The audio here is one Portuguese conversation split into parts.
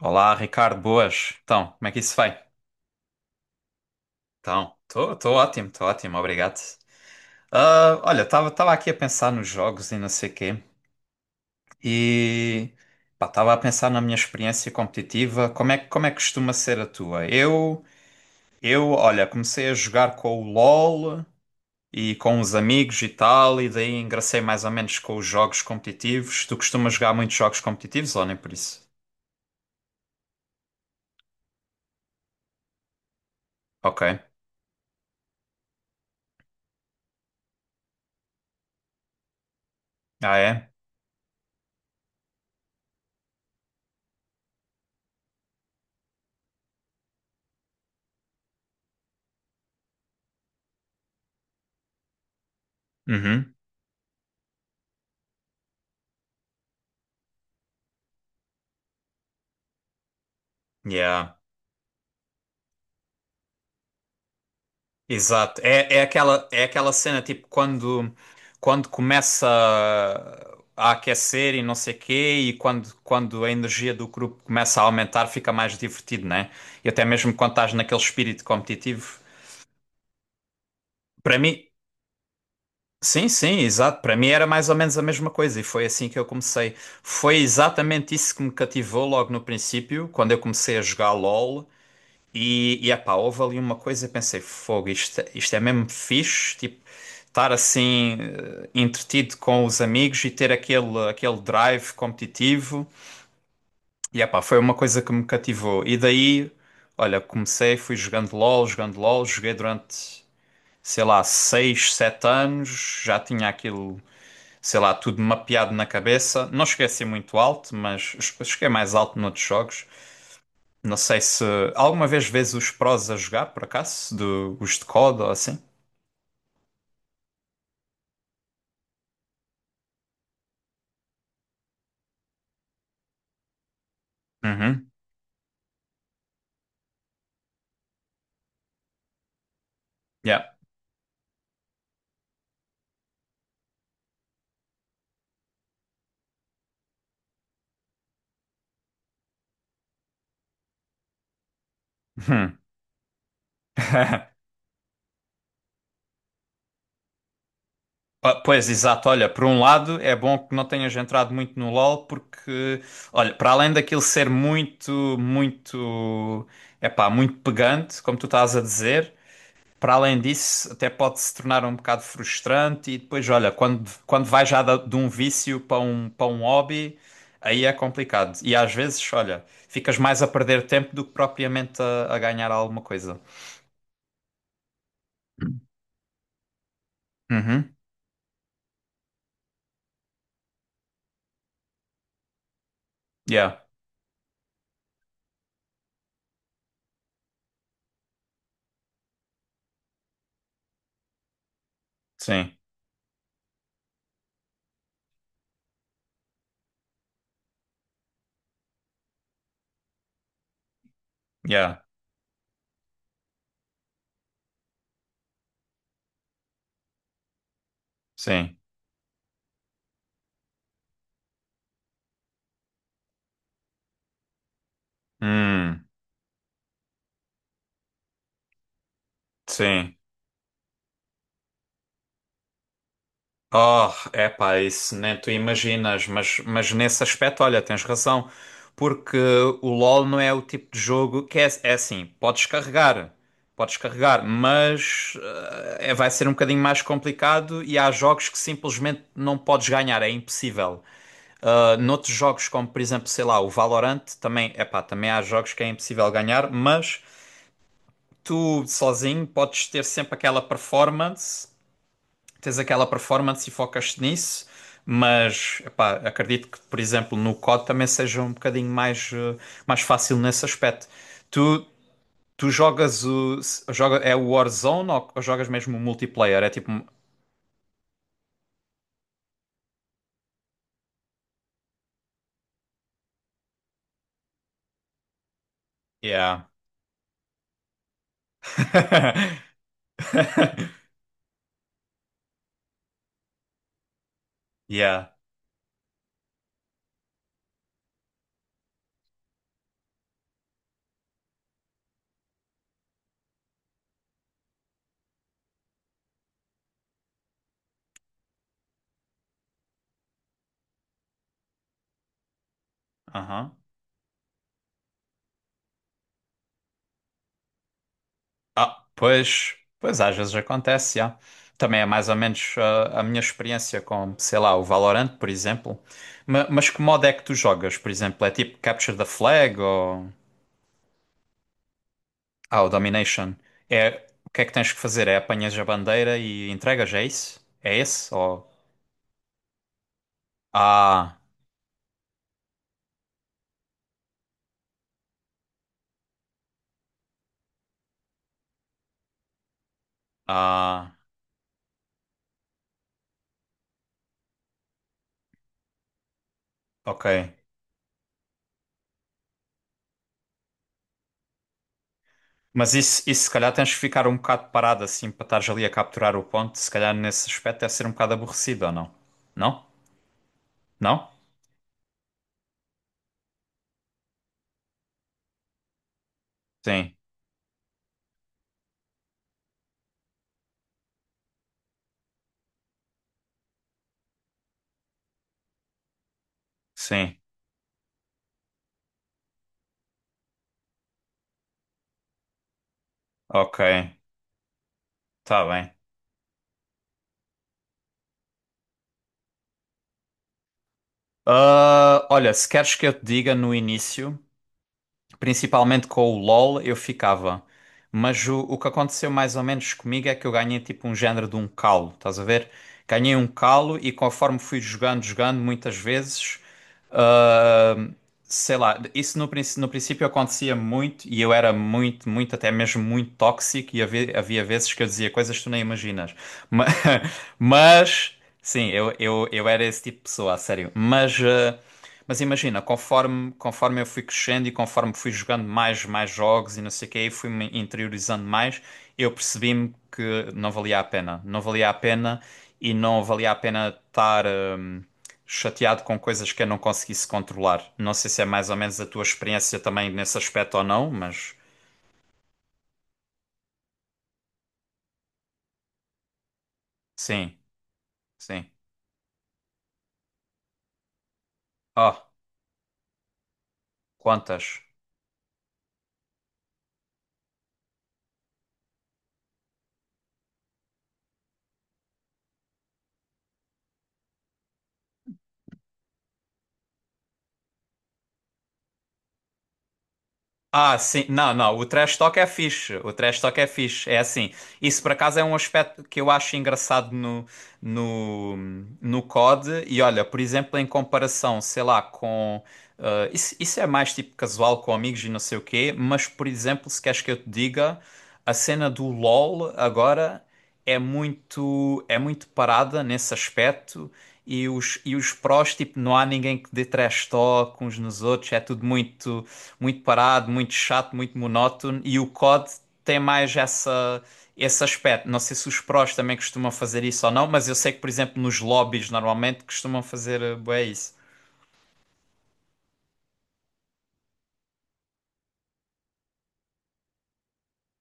Olá, Ricardo, boas. Então, como é que isso vai? Então, estou ótimo, obrigado. Olha, estava aqui a pensar nos jogos e não sei quê, e estava a pensar na minha experiência competitiva, como é, como é que costuma ser a tua? Olha, comecei a jogar com o LOL e com os amigos e tal, e daí engracei mais ou menos com os jogos competitivos. Tu costumas jogar muitos jogos competitivos ou nem por isso? Ok. Ah, é? Uhum. Yeah. Exato. É, é aquela cena tipo quando, quando começa a aquecer e não sei quê, e quando, quando a energia do grupo começa a aumentar, fica mais divertido, né? E até mesmo quando estás naquele espírito competitivo. Para mim, sim, sim, exato. Para mim era mais ou menos a mesma coisa, e foi assim que eu comecei. Foi exatamente isso que me cativou logo no princípio, quando eu comecei a jogar LOL. E epá, houve ali uma coisa, eu pensei, fogo, isto é mesmo fixe, tipo, estar assim entretido com os amigos e ter aquele, aquele drive competitivo. E epá, foi uma coisa que me cativou. E daí, olha, comecei, fui jogando LOL, joguei durante, sei lá, 6 7 anos, já tinha aquilo, sei lá, tudo mapeado na cabeça. Não cheguei a ser muito alto, mas cheguei mais alto noutros jogos. Não sei se alguma vez vês os prós a jogar, por acaso, do, os de COD ou assim. Uhum. Yeah. Hum. Pois, exato. Olha, por um lado é bom que não tenhas entrado muito no LoL porque, olha, para além daquilo ser muito, muito, é pá, muito pegante, como tu estás a dizer, para além disso, até pode se tornar um bocado frustrante e depois, olha, quando, quando vai já de um vício para um hobby, aí é complicado. E às vezes, olha, ficas mais a perder tempo do que propriamente a ganhar alguma coisa. Uhum. Yeah. Sim. Yeah. Sim. Hum. Sim. Oh, epá, isso nem tu imaginas, mas nesse aspecto, olha, tens razão, porque o LoL não é o tipo de jogo que é, é assim, podes carregar, mas é, vai ser um bocadinho mais complicado e há jogos que simplesmente não podes ganhar, é impossível. Noutros jogos, como por exemplo, sei lá, o Valorant, também, epá, também há jogos que é impossível ganhar, mas tu sozinho podes ter sempre aquela performance, tens aquela performance e focas-te nisso, mas epá, acredito que, por exemplo, no COD também seja um bocadinho mais, mais fácil nesse aspecto. Tu, tu jogas o. Joga, é o Warzone ou jogas mesmo o multiplayer? É tipo. Yeah. Yeah. Aham. Pois. Pois às vezes acontece, yeah. Também é mais ou menos a minha experiência com, sei lá, o Valorant, por exemplo. Mas, que modo é que tu jogas, por exemplo? É tipo Capture the Flag ou. Ah, o Domination. É, o que é que tens que fazer? É apanhas a bandeira e entregas, é isso? É esse? Ou... Ah, ah, ok. Mas isso se calhar tens que ficar um bocado parado assim para estares ali a capturar o ponto. Se calhar nesse aspecto deve ser um bocado aborrecido, ou não? Não? Não? Sim, sim. Ok, tá bem. Olha, se queres que eu te diga no início, principalmente com o LoL, eu ficava. Mas o que aconteceu mais ou menos comigo é que eu ganhei tipo um género de um calo, estás a ver? Ganhei um calo e conforme fui jogando, jogando, muitas vezes, ah, sei lá, isso no, no princípio acontecia muito e eu era muito, muito, até mesmo muito tóxico e havia, havia vezes que eu dizia coisas que tu nem imaginas. Ma- Mas, sim, eu era esse tipo de pessoa, a sério. Mas. Mas imagina, conforme, conforme eu fui crescendo e conforme fui jogando mais, mais jogos e não sei o quê, e fui-me interiorizando mais, eu percebi-me que não valia a pena. Não valia a pena e não valia a pena estar chateado com coisas que eu não conseguisse controlar. Não sei se é mais ou menos a tua experiência também nesse aspecto ou não, mas sim, sim. Oh, quantas? Ah, sim. Não, não. O trash talk é fixe. O trash talk é fixe. É assim. Isso, por acaso, é um aspecto que eu acho engraçado no, no COD. E olha, por exemplo, em comparação, sei lá, com. Isso, isso é mais tipo casual com amigos e não sei o quê. Mas, por exemplo, se queres que eu te diga, a cena do LOL agora é muito parada nesse aspecto. E os prós, tipo, não há ninguém que dê trash talk uns nos outros. É tudo muito muito parado, muito chato, muito monótono e o COD tem mais essa esse aspecto. Não sei se os prós também costumam fazer isso ou não, mas eu sei que, por exemplo, nos lobbies normalmente costumam fazer bué isso.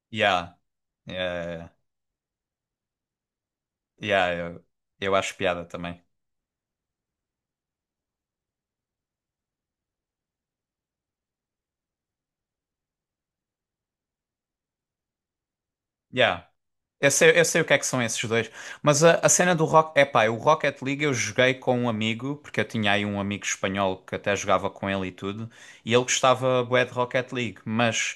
Yeah. Yeah, yeah, yeah, eu acho piada também. Yeah. Eu sei o que é que são esses dois, mas a cena do Rock, epá, o Rocket League eu joguei com um amigo, porque eu tinha aí um amigo espanhol que até jogava com ele e tudo, e ele gostava bué de Rocket League, mas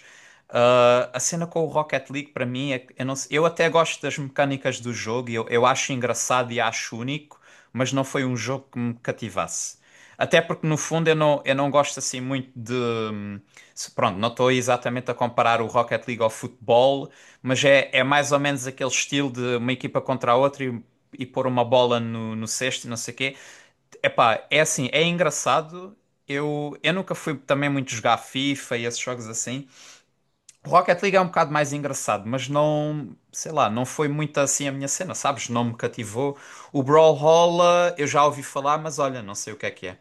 a cena com o Rocket League para mim é que eu não eu até gosto das mecânicas do jogo, e eu acho engraçado e acho único, mas não foi um jogo que me cativasse. Até porque no fundo eu não gosto assim muito de. Pronto, não estou exatamente a comparar o Rocket League ao futebol, mas é, é mais ou menos aquele estilo de uma equipa contra a outra e pôr uma bola no, no cesto e não sei o quê. Epá, é assim, é engraçado. Eu nunca fui também muito jogar FIFA e esses jogos assim. Rocket League é um bocado mais engraçado, mas não, sei lá, não foi muito assim a minha cena, sabes? Não me cativou. O Brawlhalla eu já ouvi falar, mas olha, não sei o que é que é.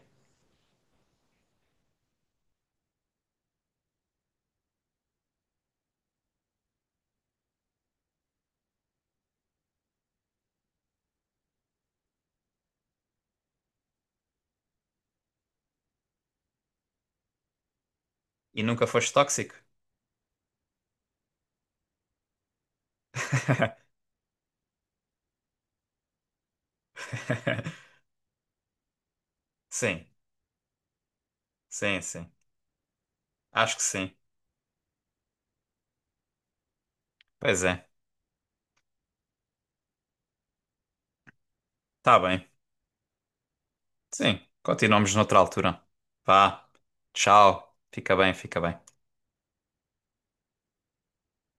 E nunca foste tóxico? Sim, sim, sim. Acho que sim. Pois é. Tá bem. Sim, continuamos noutra altura. Vá, tchau, fica bem, fica bem.